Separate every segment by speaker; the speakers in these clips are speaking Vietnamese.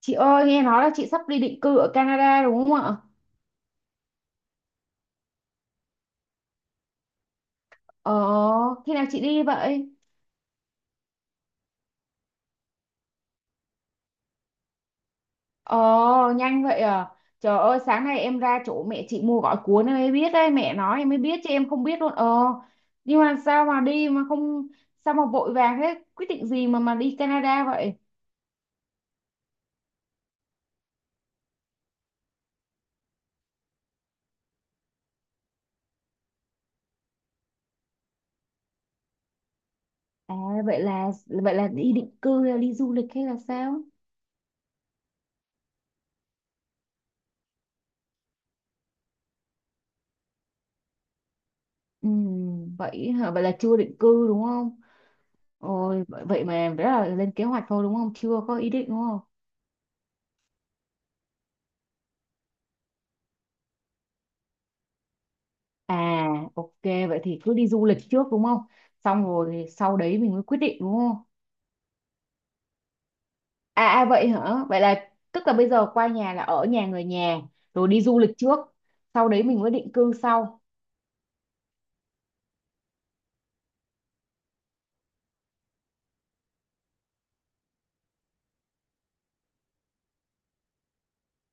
Speaker 1: Chị ơi, nghe nói là chị sắp đi định cư ở Canada đúng không ạ? Ờ, Khi nào chị đi vậy? Ờ, Nhanh vậy à? Trời ơi, sáng nay em ra chỗ mẹ chị mua gói cuốn em mới biết đấy, mẹ nói em mới biết chứ em không biết luôn. Ờ, nhưng mà sao mà đi mà không, sao mà vội vàng thế? Quyết định gì mà đi Canada vậy? À, vậy là vậy là đi định cư hay là đi du lịch hay là sao? Ừ, vậy hả? Vậy là chưa định cư đúng không? Ôi, vậy vậy mà đó là lên kế hoạch thôi đúng không? Chưa có ý định đúng không? À, ok, vậy thì cứ đi du lịch trước đúng không? Xong rồi thì sau đấy mình mới quyết định đúng không? À, vậy hả? Vậy là tức là bây giờ qua nhà là ở nhà người nhà, rồi đi du lịch trước, sau đấy mình mới định cư sau.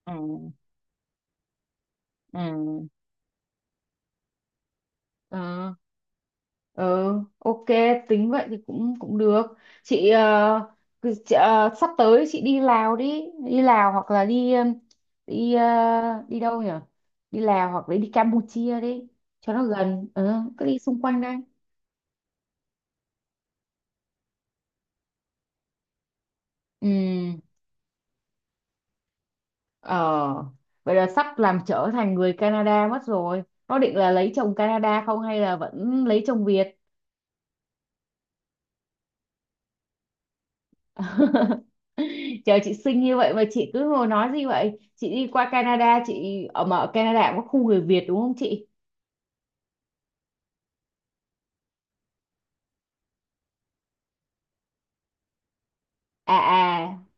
Speaker 1: Ừ. Ừ. Ờ, ờ, ok, tính vậy thì cũng cũng được. Chị, ờ, chị, sắp tới chị đi Lào đi, đi Lào hoặc là đi ờ, đi đâu nhỉ? Đi Lào hoặc là đi Campuchia đi, cho nó gần. Ờ, Cứ đi xung quanh đây. Ừ, ờ, vậy là sắp làm trở thành người Canada mất rồi. Có định là lấy chồng Canada không hay là vẫn lấy chồng Việt? Chờ chị xinh như vậy mà chị cứ ngồi nói gì vậy? Chị đi qua Canada, chị ở Canada cũng có khu người Việt đúng không chị? À à,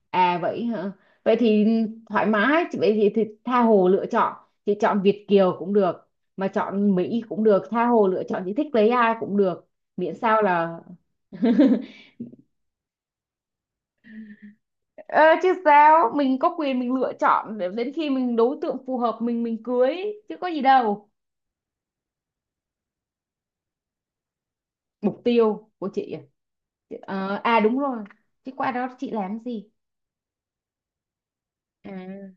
Speaker 1: à, vậy hả? Vậy thì thoải mái, chị vậy thì tha hồ lựa chọn. Chị chọn Việt kiều cũng được, mà chọn Mỹ cũng được, tha hồ lựa chọn chị thích lấy ai cũng được, miễn sao là Ờ, chứ sao mình có quyền mình lựa chọn để đến khi mình đối tượng phù hợp mình cưới chứ có gì đâu. Mục tiêu của chị à? À, đúng rồi, chứ qua đó chị làm gì? À.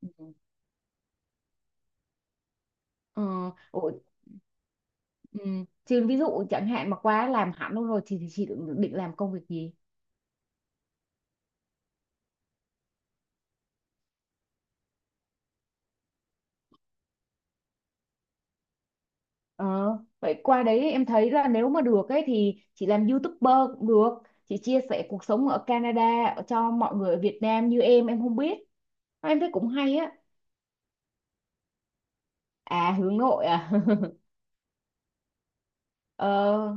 Speaker 1: Ừ. Ờ, ủa, ừ. Chứ ví dụ chẳng hạn mà qua làm hẳn luôn rồi thì chị định làm công việc gì? ờ, Vậy qua đấy em thấy là nếu mà được ấy thì chị làm YouTuber cũng được, chị chia sẻ cuộc sống ở Canada cho mọi người ở Việt Nam như em không biết, em thấy cũng hay á. À hướng nội à? Ờ,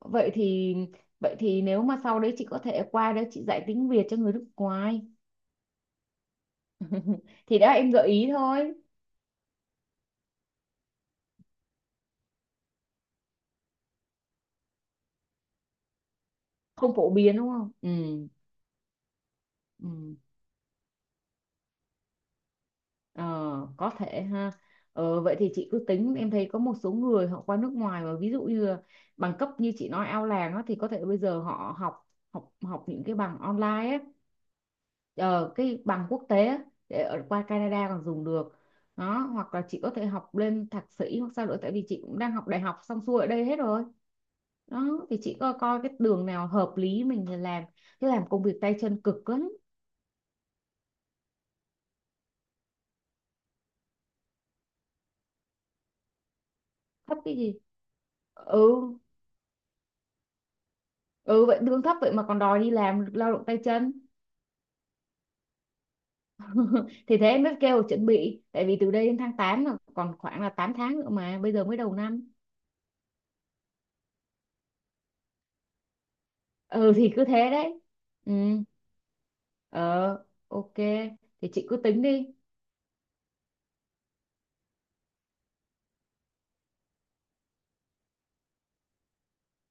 Speaker 1: vậy thì vậy thì nếu mà sau đấy chị có thể qua đấy chị dạy tiếng Việt cho người nước ngoài. Thì đó em gợi ý thôi, không phổ biến đúng không? Ừ, ừ. Ờ, có thể ha. Vậy thì chị cứ tính, em thấy có một số người họ qua nước ngoài mà ví dụ như là bằng cấp như chị nói ao làng á, thì có thể bây giờ họ học học học những cái bằng online ấy, ờ, cái bằng quốc tế á, để ở qua Canada còn dùng được đó, hoặc là chị có thể học lên thạc sĩ hoặc sao nữa tại vì chị cũng đang học đại học xong xuôi ở đây hết rồi, đó thì chị coi coi cái đường nào hợp lý mình thì làm, chứ làm công việc tay chân cực lắm. Thấp cái gì? Ừ. Ừ vậy lương thấp vậy mà còn đòi đi làm lao động tay chân. Thì thế mới kêu là chuẩn bị tại vì từ đây đến tháng 8 là còn khoảng là 8 tháng nữa mà bây giờ mới đầu năm. Ừ thì cứ thế đấy. Ừ. Ờ, ok. Thì chị cứ tính đi.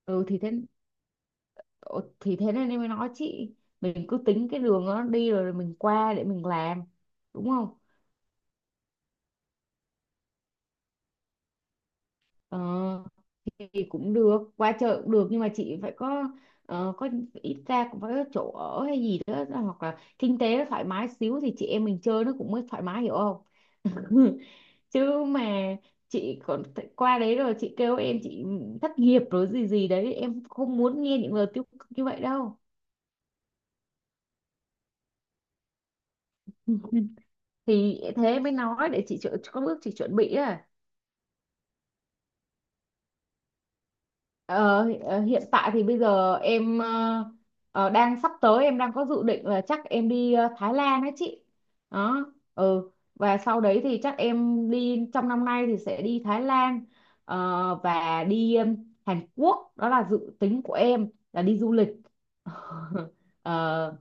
Speaker 1: Ừ thì thế, ờ, thì thế nên em mới nói chị mình cứ tính cái đường nó đi rồi mình qua để mình làm, đúng không? Ờ thì cũng được, qua chợ cũng được nhưng mà chị phải có, có ít ra cũng phải có chỗ ở hay gì đó hoặc là kinh tế nó thoải mái xíu thì chị em mình chơi nó cũng mới thoải mái hiểu không? Chứ mà chị còn qua đấy rồi chị kêu em chị thất nghiệp rồi gì gì đấy em không muốn nghe những lời tiêu cực như vậy đâu. Thì thế em mới nói để chị có bước chị chuẩn bị à. Hiện tại thì bây giờ em đang sắp tới em đang có dự định là chắc em đi Thái Lan đấy chị, đó, ừ, và sau đấy thì chắc em đi trong năm nay thì sẽ đi Thái Lan, và đi Hàn Quốc, đó là dự tính của em là đi du lịch. ờ,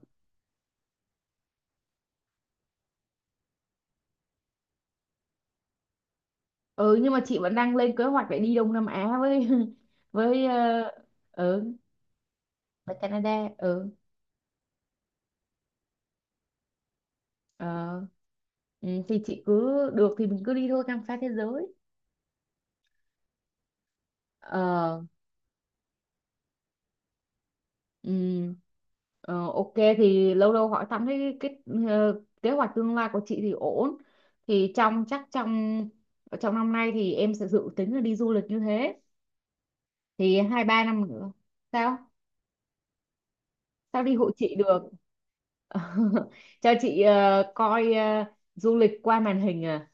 Speaker 1: ừ nhưng mà chị vẫn đang lên kế hoạch để đi Đông Nam Á với với ừ với Canada. Ừ. Ờ, ừ, thì chị cứ được thì mình cứ đi thôi khám phá thế giới. Ờ. Ừ, ờ, ok thì lâu lâu hỏi thăm thấy cái kế hoạch tương lai của chị thì ổn, thì trong chắc trong trong năm nay thì em sẽ dự tính là đi du lịch như thế, thì hai ba năm nữa. Sao? Sao đi hộ chị được? Cho chị coi, du lịch qua màn hình à?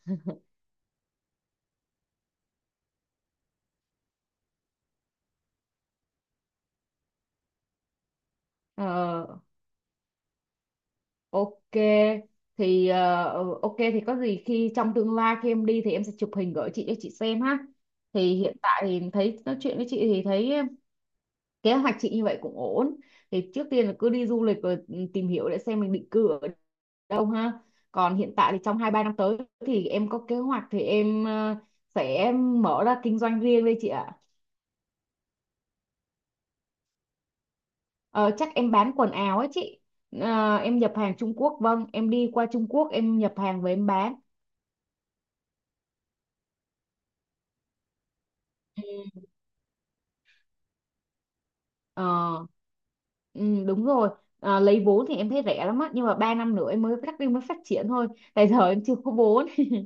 Speaker 1: Ờ, ok thì ừ, ok thì có gì khi trong tương lai khi em đi thì em sẽ chụp hình gửi chị cho chị xem ha. Thì hiện tại thì thấy nói chuyện với chị thì thấy kế hoạch chị như vậy cũng ổn. Thì trước tiên là cứ đi du lịch rồi ừ, tìm hiểu để xem mình định cư ở đâu ha. Còn hiện tại thì trong 2 3 năm tới thì em có kế hoạch thì em sẽ mở ra kinh doanh riêng đây chị ạ. Ờ, chắc em bán quần áo ấy chị. Ờ, em nhập hàng Trung Quốc vâng, em đi qua Trung Quốc em nhập hàng về em bán. Ừ. Ờ, ừ, đúng rồi. À, lấy vốn thì em thấy rẻ lắm á nhưng mà ba năm nữa em mới phát triển thôi tại giờ em chưa có vốn.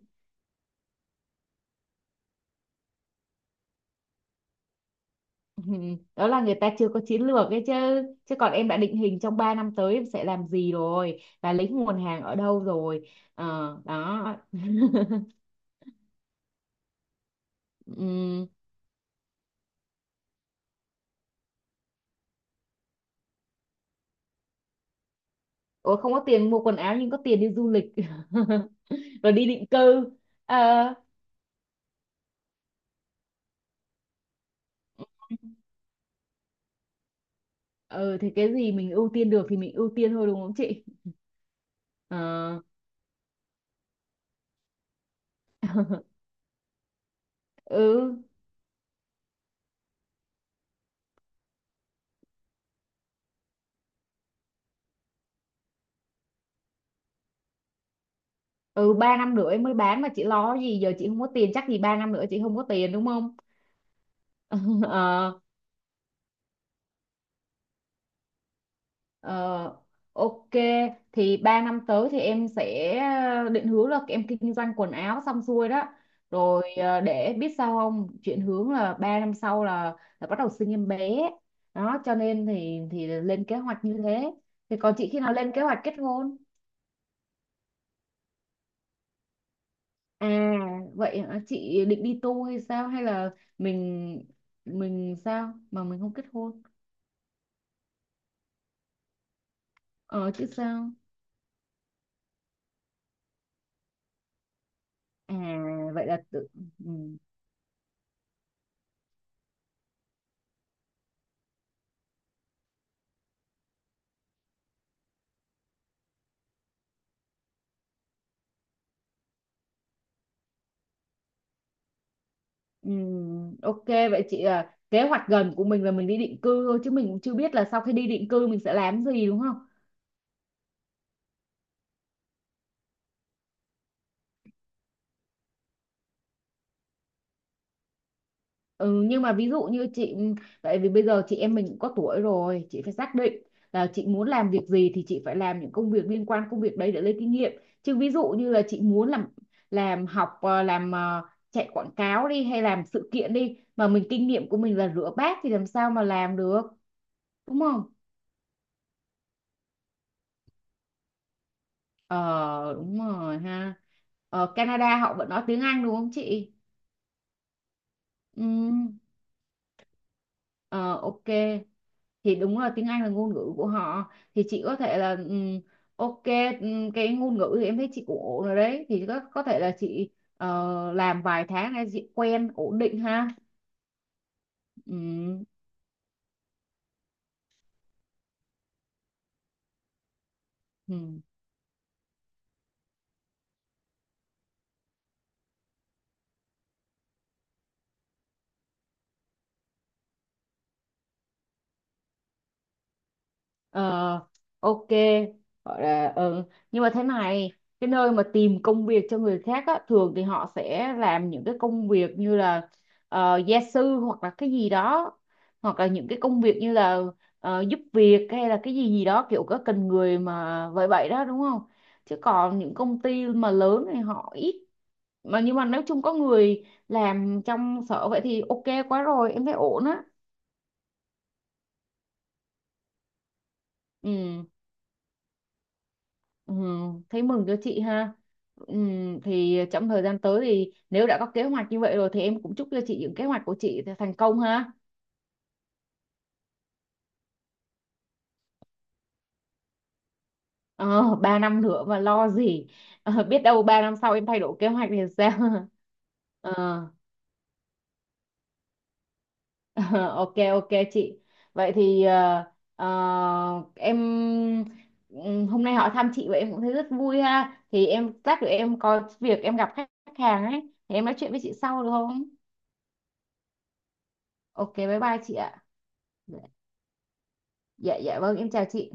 Speaker 1: Ừ, đó là người ta chưa có chiến lược ấy chứ, chứ còn em đã định hình trong 3 năm tới em sẽ làm gì rồi và lấy nguồn hàng ở đâu rồi. Ờ, đó. Ừm. Ủa không có tiền mua quần áo nhưng có tiền đi du lịch rồi đi định cư. Ờ, ừ, thì cái gì mình ưu tiên được thì mình ưu tiên thôi đúng không chị? Ờ. Ừ. Ừ ba năm nữa em mới bán mà chị lo gì, giờ chị không có tiền chắc gì ba năm nữa chị không có tiền đúng không? ờ, ờ, ok thì ba năm tới thì em sẽ định hướng là em kinh doanh quần áo xong xuôi đó, rồi để biết sao không chuyển hướng là ba năm sau là bắt đầu sinh em bé, đó cho nên thì lên kế hoạch như thế, thì còn chị khi nào lên kế hoạch kết hôn? À vậy hả? Chị định đi tu hay sao hay là mình mình sao mà mình không kết hôn? Ờ chứ sao? À vậy là tự. Ừ. Ừ. Ok vậy chị à, kế hoạch gần của mình là mình đi định cư thôi chứ mình cũng chưa biết là sau khi đi định cư mình sẽ làm gì đúng không? Ừ, nhưng mà ví dụ như chị ừ, tại vì bây giờ chị em mình cũng có tuổi rồi, chị phải xác định là chị muốn làm việc gì thì chị phải làm những công việc liên quan công việc đấy để lấy kinh nghiệm. Chứ ví dụ như là chị muốn làm, học làm chạy quảng cáo đi hay làm sự kiện đi mà mình kinh nghiệm của mình là rửa bát thì làm sao mà làm được, đúng không? Ờ đúng rồi ha. Ở Canada họ vẫn nói tiếng Anh đúng không chị? Ừ. Ờ ok. Thì đúng là tiếng Anh là ngôn ngữ của họ. Thì chị có thể là ok, cái ngôn ngữ thì em thấy chị cũng ổn rồi đấy. Thì có thể là chị làm vài tháng để chị quen ổn định ha. Ừ. Ờ, ok gọi là ừ. Nhưng mà thế này, cái nơi mà tìm công việc cho người khác á, thường thì họ sẽ làm những cái công việc như là gia sư hoặc là cái gì đó, hoặc là những cái công việc như là giúp việc hay là cái gì gì đó kiểu có cần người mà vậy vậy đó đúng không? Chứ còn những công ty mà lớn thì họ ít. Mà nhưng mà nếu chung có người làm trong sở vậy thì ok quá rồi em thấy ổn á. Ừ. Ừ, thấy mừng cho chị ha. Ừ, thì trong thời gian tới thì nếu đã có kế hoạch như vậy rồi thì em cũng chúc cho chị những kế hoạch của chị thành công ha. Ờ, 3 năm nữa mà lo gì. Ờ, biết đâu 3 năm sau em thay đổi kế hoạch thì sao? Ờ, ok ok chị. Vậy thì em ừ, hôm nay hỏi thăm chị vậy em cũng thấy rất vui ha. Thì em lát nữa em có việc em gặp khách khách hàng ấy thì em nói chuyện với chị sau được không? Ok bye bye chị ạ. Dạ dạ vâng, em chào chị.